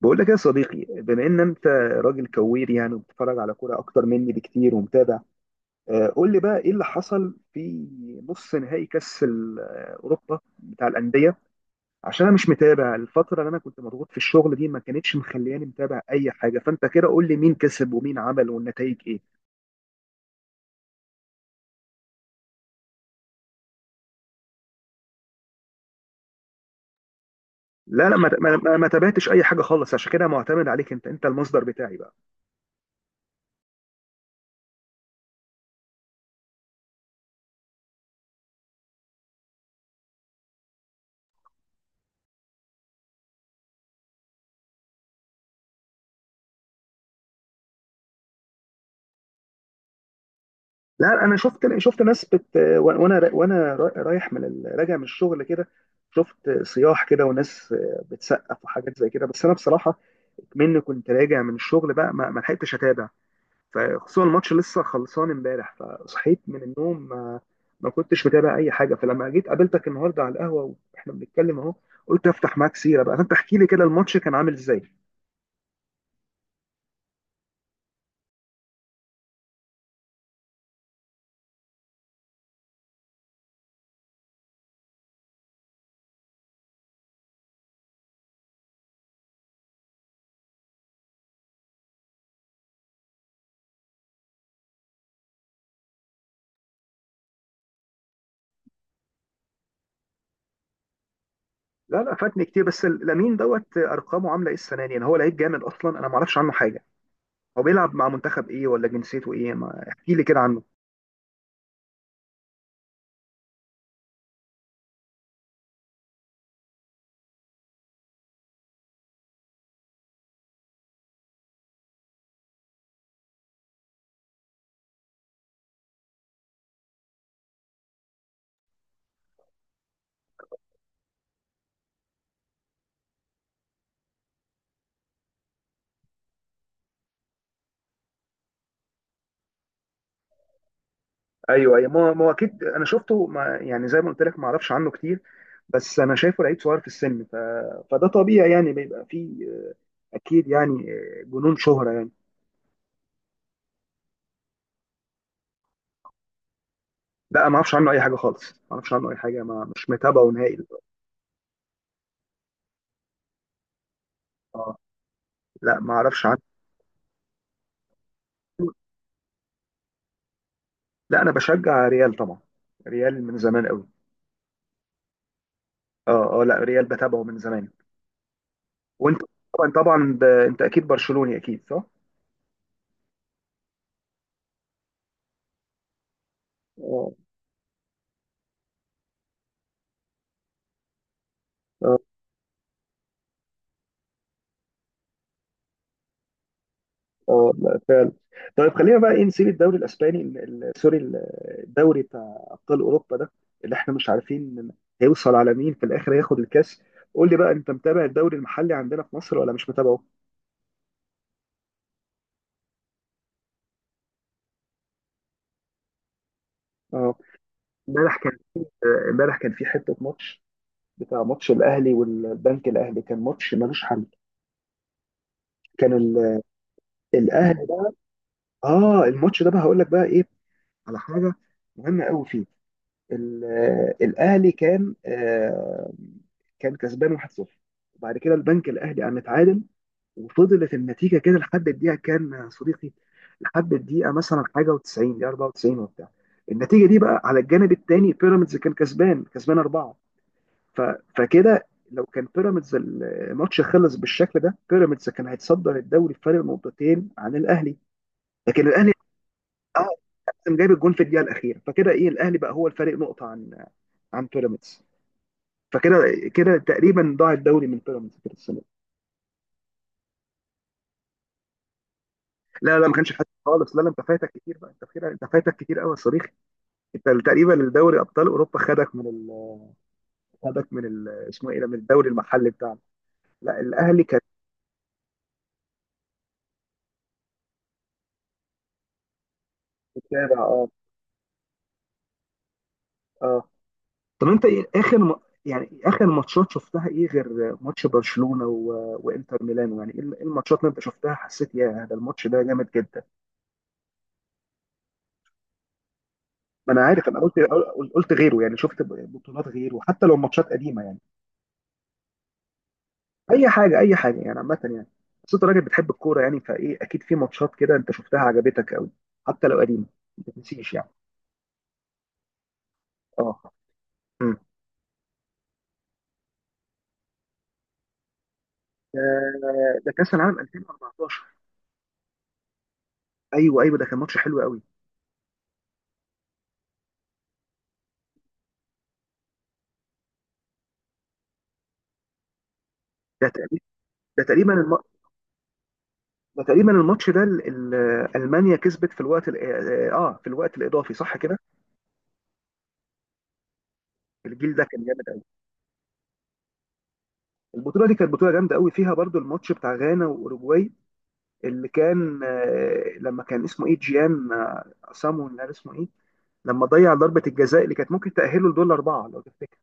بقول لك يا صديقي، بما ان انت راجل كوير يعني، وبتتفرج على كوره اكتر مني بكتير ومتابع، قول لي بقى ايه اللي حصل في نص نهائي كاس اوروبا بتاع الانديه. عشان انا مش متابع، الفتره اللي انا كنت مضغوط في الشغل دي ما كانتش مخلياني متابع اي حاجه، فانت كده قول لي مين كسب ومين عمل والنتائج ايه. لا لا، ما تابعتش اي حاجه خالص، عشان كده معتمد عليك. انت المصدر بتاعي بقى. لا، انا شفت ناس وانا رايح راجع من الشغل كده، شفت صياح كده وناس بتسقف وحاجات زي كده. بس انا بصراحه، مني كنت راجع من الشغل بقى، ما لحقتش اتابع، فخصوصا الماتش لسه خلصان امبارح، فصحيت من النوم ما كنتش متابع اي حاجه. فلما جيت قابلتك النهارده على القهوه واحنا بنتكلم اهو، قلت افتح معاك سيره بقى، فانت احكي لي كده، الماتش كان عامل ازاي؟ لا لا، فاتني كتير. بس لامين دوت، ارقامه عامله ايه السنه دي؟ يعني هو لعيب جامد اصلا، انا ما اعرفش عنه حاجه. هو بيلعب مع منتخب ايه، ولا جنسيته ايه؟ ما احكي لي كده عنه. ايوه ايوه، ما هو اكيد. انا شفته، ما يعني زي ما قلت لك، ما اعرفش عنه كتير. بس انا شايفه لعيب صغير في السن، فده طبيعي يعني، بيبقى فيه اكيد يعني جنون شهرة يعني. لا ما اعرفش عنه اي حاجه خالص، ما اعرفش عنه اي حاجه، ما مش متابعه نهائي دلوقتي. اه، لا ما اعرفش عنه. لا انا بشجع ريال طبعا، ريال من زمان قوي. اه اه، لا ريال بتابعه من زمان. وانت طبعا طبعا انت اكيد برشلوني، اكيد صح؟ اه اه اه، لا فعلا. طيب خلينا بقى ايه، نسيب الدوري الاسباني الدوري بتاع ابطال اوروبا ده، اللي احنا مش عارفين هيوصل على مين في الاخر، هياخد الكاس. قول لي بقى، انت متابع الدوري المحلي عندنا في مصر ولا مش متابعه؟ اه. امبارح كان في امبارح كان في حته ماتش، بتاع ماتش الاهلي والبنك الاهلي، كان ماتش ملوش حل. كان الاهلي ده، اه، الماتش ده بقى هقول لك بقى ايه، على حاجه مهمه قوي فيه. ال- الاهلي كان كان كسبان 1-0، وبعد كده البنك الاهلي قام اتعادل، وفضلت النتيجه كده لحد الدقيقه كام يا صديقي؟ لحد الدقيقه مثلا حاجه و90 دقيقه، 94 وبتاع. النتيجه دي بقى على الجانب الثاني، بيراميدز كان كسبان اربعه. ف... فكده لو كان بيراميدز الماتش خلص بالشكل ده، بيراميدز كان هيتصدر الدوري بفارق نقطتين عن الاهلي. لكن الاهلي اه كان جايب الجون في الدقيقه الاخيره، فكده ايه الاهلي بقى هو الفارق نقطه عن بيراميدز. فكده كده تقريبا ضاع الدوري من بيراميدز كده السنه دي. لا لا، ما كانش حد خالص. لا لا، انت فايتك كتير بقى. انت فايتك كتير قوي يا صديقي. انت تقريبا الدوري ابطال اوروبا خدك اسمه ايه ده، من الدوري المحلي بتاعنا. لا الاهلي كان متابع. اه اه، طب انت ايه اخر يعني اخر ماتشات شفتها ايه، غير ماتش برشلونه وانتر ميلانو؟ يعني ايه إيه الماتشات اللي انت شفتها حسيت، يا ده الماتش ده جامد جدا؟ ما انا عارف، انا قلت غيره يعني. شفت بطولات غيره، حتى لو ماتشات قديمه يعني. اي حاجه اي حاجه، يعني عامه يعني، بس انت راجل بتحب الكوره يعني، فايه اكيد في ماتشات كده انت شفتها عجبتك قوي، حتى لو قديمه ما تنسيش يعني. اه. أمم. ده ده كاس العالم 2014. ايوه ايوه، ده كان ماتش حلو قوي. ده تقريبا ده تقريبا الم... ده تقريبا الماتش ده، المانيا كسبت في الوقت في الوقت الاضافي، صح كده؟ الجيل ده كان جامد قوي. البطوله دي كانت بطوله جامده قوي، فيها برضو الماتش بتاع غانا واوروجواي، اللي كان لما كان اسمه ايه، جيان سامو ولا اسمه ايه، لما ضيع ضربة الجزاء اللي كانت ممكن تأهله لدول أربعة لو تفتكر.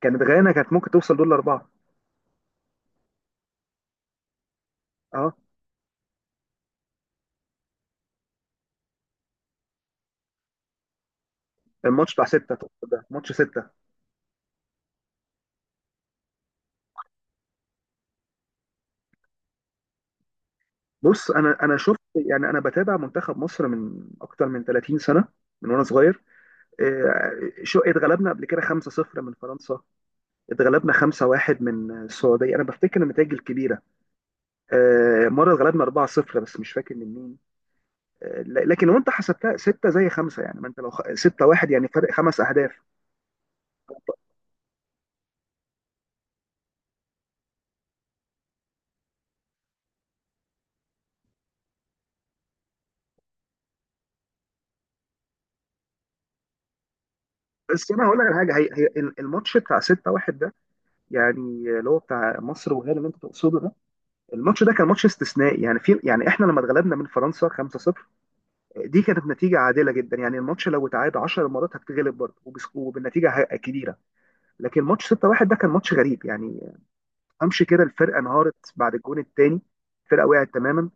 كانت غانا كانت ممكن توصل دول أربعة. أه، الماتش بتاع ستة ده ماتش ستة. بص، أنا شفت يعني، أنا بتابع منتخب مصر من أكتر من 30 سنة، من وأنا صغير. شو اتغلبنا قبل كده 5-0 من فرنسا، اتغلبنا 5-1 من السعودية. أنا بفتكر النتائج الكبيرة. مرة اتغلبنا 4-0، بس مش فاكر من مين. لكن لو أنت حسبتها 6 زي 5 يعني، ما أنت لو 6-1 يعني فرق خمس أهداف. بس انا هقول لك على حاجه، هي الماتش بتاع 6-1 ده يعني، اللي هو بتاع مصر وغانا اللي انت تقصده ده. الماتش ده كان ماتش استثنائي يعني، في يعني احنا لما اتغلبنا من فرنسا 5-0، دي كانت نتيجه عادله جدا يعني. الماتش لو اتعاد 10 مرات هتتغلب برضه، وبالنتيجه كبيره. لكن ماتش 6-1 ده كان ماتش غريب يعني، امشي كده الفرقه انهارت بعد الجون الثاني، الفرقه وقعت تماما،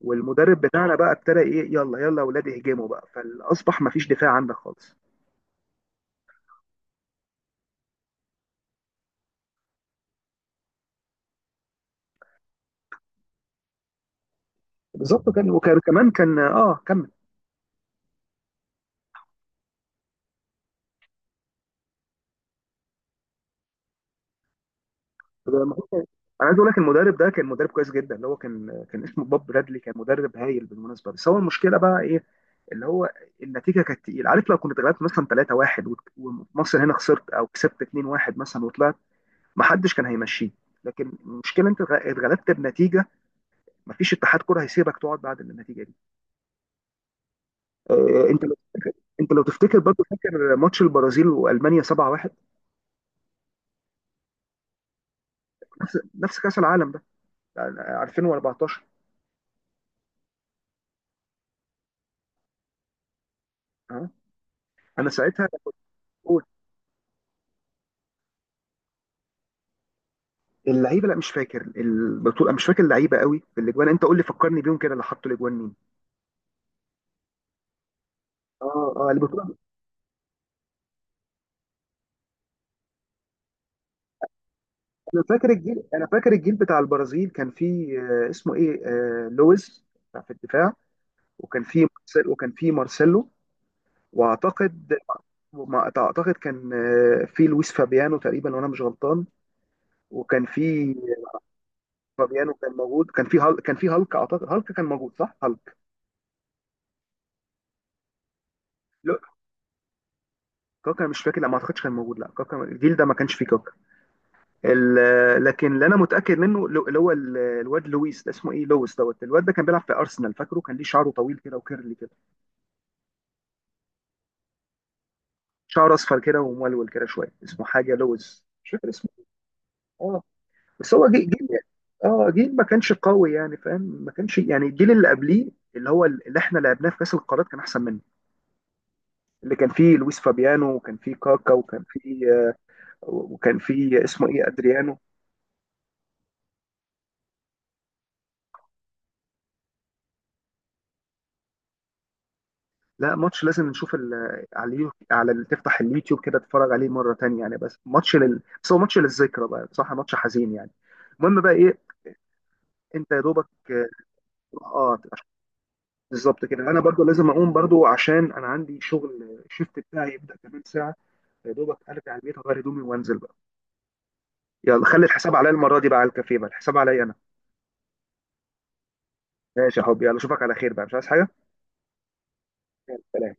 والمدرب بتاعنا بقى ابتدى ايه يلا يلا يا اولاد اهجموا بقى، فاصبح ما فيش دفاع عندك خالص. بالظبط، كان وكان كمان كان، اه، كمل. ده ما هو- انا عايز اقول لك، المدرب ده كان مدرب كويس جدا. اللي هو كان، اسمه بوب برادلي، كان مدرب هايل بالمناسبه. بس هو المشكله بقى ايه، اللي هو النتيجه كانت تقيله. عارف لو كنت اتغلبت مثلا 3-1، ومصر هنا خسرت او كسبت 2-1 مثلا وطلعت، ما حدش كان هيمشيه. لكن المشكله انت اتغلبت بنتيجه، ما فيش اتحاد كره هيسيبك تقعد بعد النتيجه دي. انت لو تفتكر، برضه فاكر ماتش البرازيل والمانيا 7-1؟ نفس كاس العالم ده، 2014. اه انا ساعتها، اللعيبه لا مش فاكر، البطوله مش فاكر، اللعيبه قوي في الاجوان. انت قول لي، فكرني بيهم كده اللي حطوا الاجوان مين. اه اه، البطوله. انا فاكر الجيل بتاع البرازيل، كان فيه اسمه ايه لويز، بتاع في الدفاع. وكان فيه مارسيلو. واعتقد ما اعتقد كان في لويس فابيانو تقريبا وانا مش غلطان. وكان في فابيانو كان موجود، كان في كان في هالك، اعتقد هالك كان موجود، صح هالك. لا، كاكا مش فاكر، لا ما اعتقدش كان موجود. لا كاكا الجيل ده ما كانش فيه كاكا. لكن اللي انا متاكد منه، اللي هو الواد لويس ده اسمه ايه، لويس دوت. الواد ده كان بيلعب في ارسنال، فاكره كان ليه شعره طويل كده وكيرلي كده، شعره اصفر كده ومولول كده شويه، اسمه حاجه لويس، مش فاكر اسمه. اه، بس هو جيل. اه، جيل ما كانش قوي يعني، فاهم، ما كانش يعني الجيل اللي قبليه، اللي هو اللي احنا لعبناه في كاس القارات كان احسن منه، اللي كان فيه لويس فابيانو وكان فيه كاكا، وكان فيه اسمه ايه ادريانو. لا، ماتش لازم نشوف ال... على اليو... على ال... تفتح اليوتيوب كده تتفرج عليه مره تانية يعني. بس هو ماتش للذكرى بقى بصراحه، ماتش حزين يعني. المهم بقى ايه، انت يا دوبك. اه آه، بالظبط كده، انا برضو لازم اقوم برضو عشان انا عندي شغل، الشيفت بتاعي يبدا كمان ساعه. يا دوبك ارجع البيت، اغير هدومي وانزل بقى. يلا، خلي الحساب عليا المره دي بقى، على الكافيه بقى الحساب عليا انا. ماشي يا حبيبي، يلا اشوفك على خير بقى، مش عايز حاجه. يلا، سلام.